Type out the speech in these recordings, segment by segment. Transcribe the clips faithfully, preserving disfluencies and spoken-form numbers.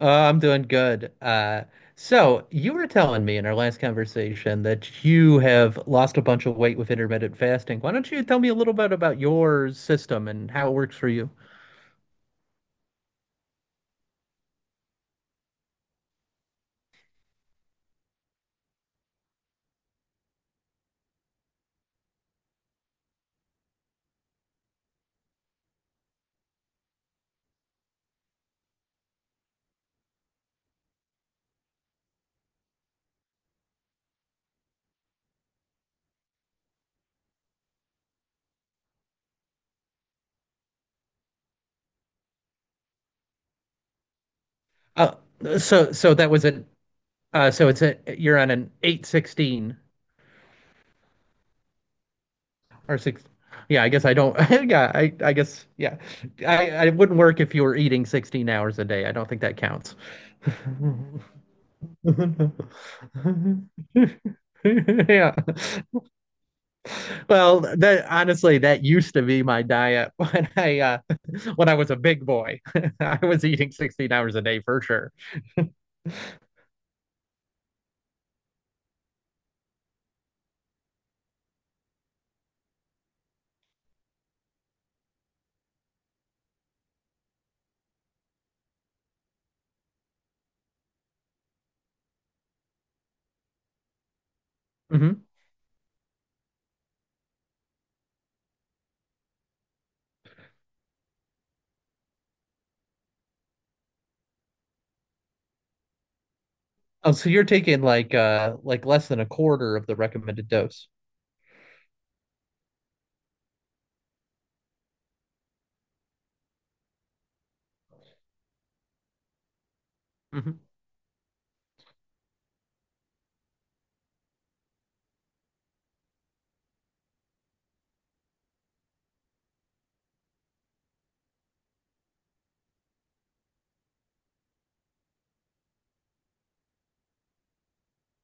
Uh, I'm doing good. Uh, so you were telling me in our last conversation that you have lost a bunch of weight with intermittent fasting. Why don't you tell me a little bit about your system and how it works for you? Uh, so so that was an uh, so it's a you're on an eight sixteen or six. Yeah, I guess I don't. Yeah, I I guess yeah. I I wouldn't work if you were eating sixteen hours a day. I don't think that counts. Yeah. Well, that honestly, that used to be my diet when I uh when I was a big boy. I was eating sixteen hours a day for sure. hmm Oh, so you're taking like uh like less than a quarter of the recommended dose. Mhm.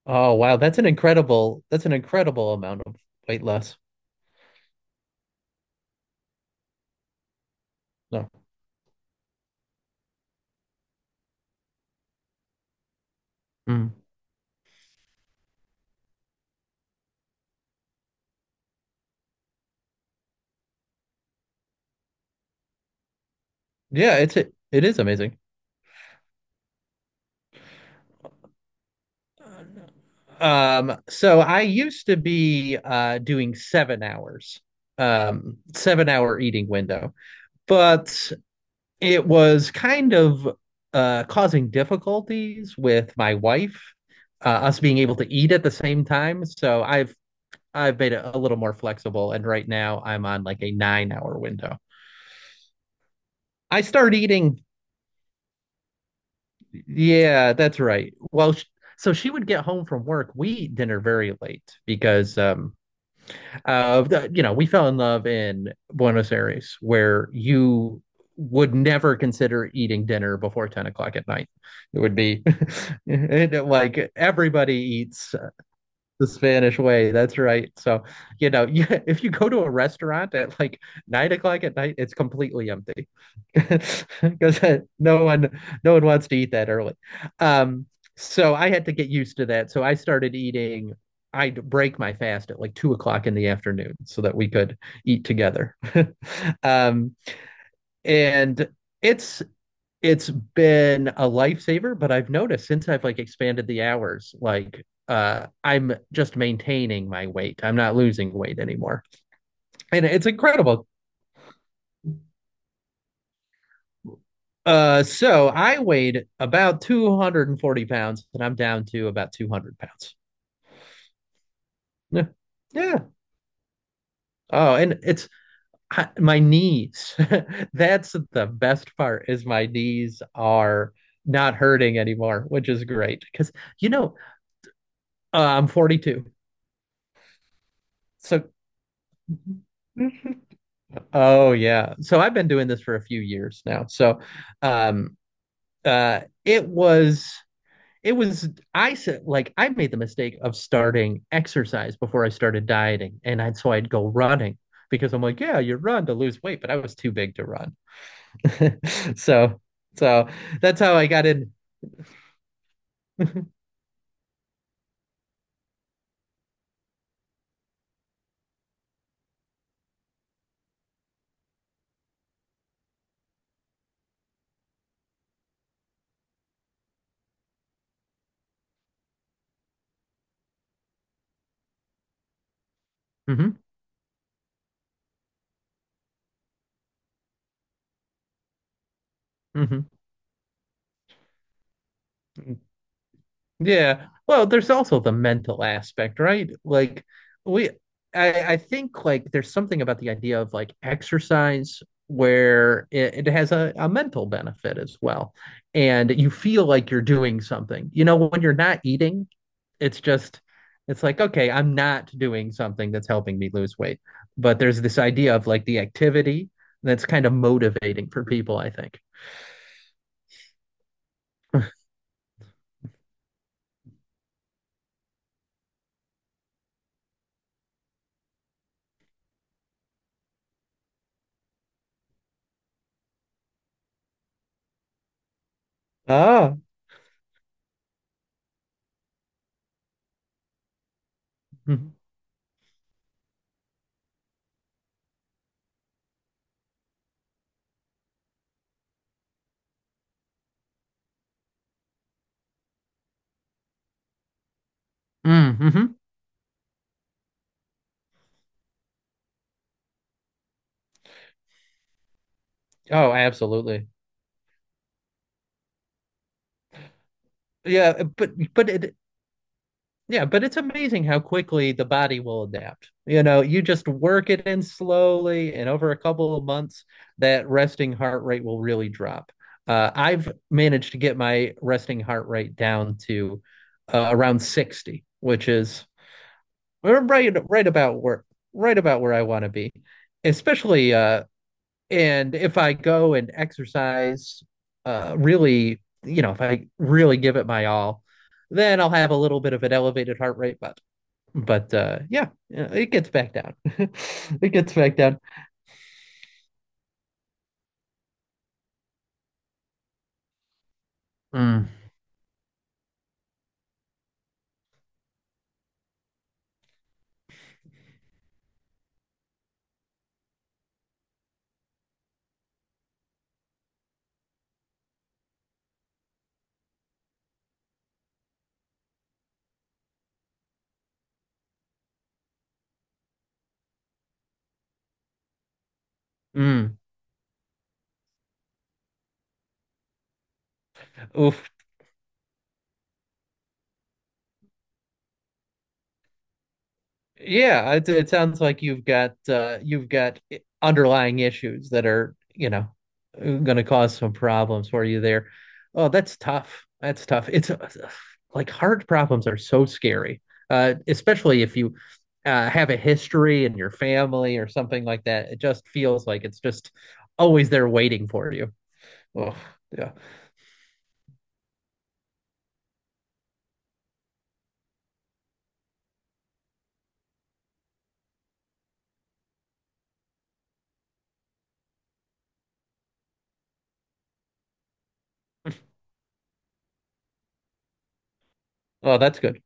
Oh, wow, that's an incredible that's an incredible amount of weight loss. No. Mm. Yeah, it's it, it is amazing. Uh, no. Um, so I used to be uh doing seven hours, um, seven hour eating window. But it was kind of uh, causing difficulties with my wife, uh, us being able to eat at the same time. So I've I've made it a little more flexible, and right now I'm on like a nine hour window. I start eating. Yeah, that's right. Well, sh- so she would get home from work. We eat dinner very late because um, Uh, the- you know, we fell in love in Buenos Aires, where you would never consider eating dinner before ten o'clock at night. It would be like everybody eats the Spanish way. That's right. So, you know, you, if you go to a restaurant at like nine o'clock at night, it's completely empty because no one, no one wants to eat that early. Um, so I had to get used to that. So I started eating. I'd break my fast at like two o'clock in the afternoon so that we could eat together. Um, and it's it's been a lifesaver, but I've noticed since I've like expanded the hours, like uh I'm just maintaining my weight. I'm not losing weight anymore. And it's incredible. Uh so I weighed about two hundred forty pounds and I'm down to about two hundred pounds. Yeah. Yeah. Oh, and it's I, my knees. That's the best part is my knees are not hurting anymore, which is great because you know, uh, I'm forty-two. So oh yeah. So I've been doing this for a few years now. So um uh it was it was I said like I made the mistake of starting exercise before I started dieting and I'd so I'd go running because I'm like, yeah, you run to lose weight, but I was too big to run. So so that's how I got in. hmm hmm Yeah. Well, there's also the mental aspect, right? Like we I I think like there's something about the idea of like exercise where it, it has a, a mental benefit as well. And you feel like you're doing something. You know, when you're not eating, it's just, it's like, okay, I'm not doing something that's helping me lose weight. But there's this idea of like the activity that's kind of motivating for people, I think. Oh. Mm-hmm. Mm-hmm. Oh, absolutely. Yeah, but but it Yeah, but it's amazing how quickly the body will adapt. You know, you just work it in slowly, and over a couple of months, that resting heart rate will really drop. Uh, I've managed to get my resting heart rate down to uh, around sixty, which is right right about where right about where I want to be. Especially uh, and if I go and exercise, uh, really, you know, if I really give it my all, then I'll have a little bit of an elevated heart rate, but but uh, yeah, yeah, it gets back down. It gets back down. Mm, mm, oof. Yeah, it, it sounds like you've got uh, you've got underlying issues that are, you know, going to cause some problems for you there. Oh, that's tough. That's tough. It's uh, like heart problems are so scary, uh, especially if you uh, have a history in your family or something like that. It just feels like it's just always there waiting for you. Oh, yeah. Oh, that's good.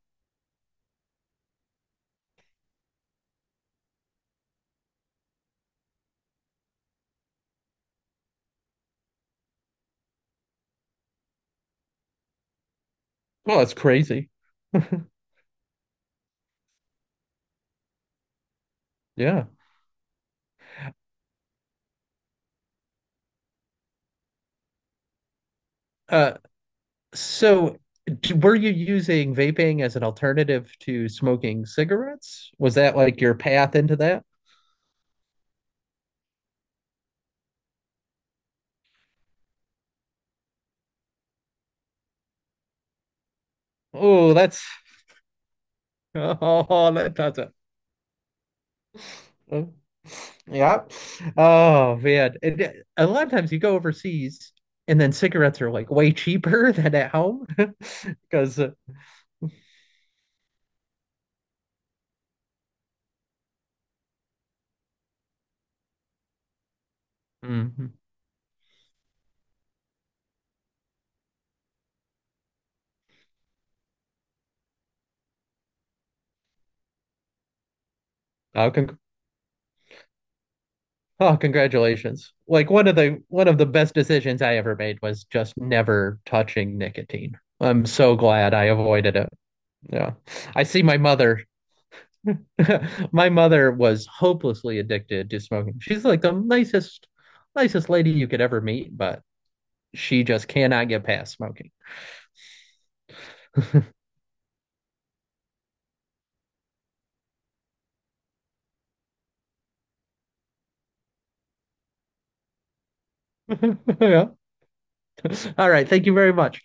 Well, that's crazy. Yeah. Uh, so d were you using vaping as an alternative to smoking cigarettes? Was that like your path into that? Oh, that's oh, that doesn't. Oh, yeah. Oh man. And uh, a lot of times you go overseas and then cigarettes are like way cheaper than at home because mm-hmm. Oh, congratulations. Like one of the one of the best decisions I ever made was just never touching nicotine. I'm so glad I avoided it. Yeah. I see my mother. My mother was hopelessly addicted to smoking. She's like the nicest, nicest lady you could ever meet, but she just cannot get past smoking. Yeah. All right. Thank you very much.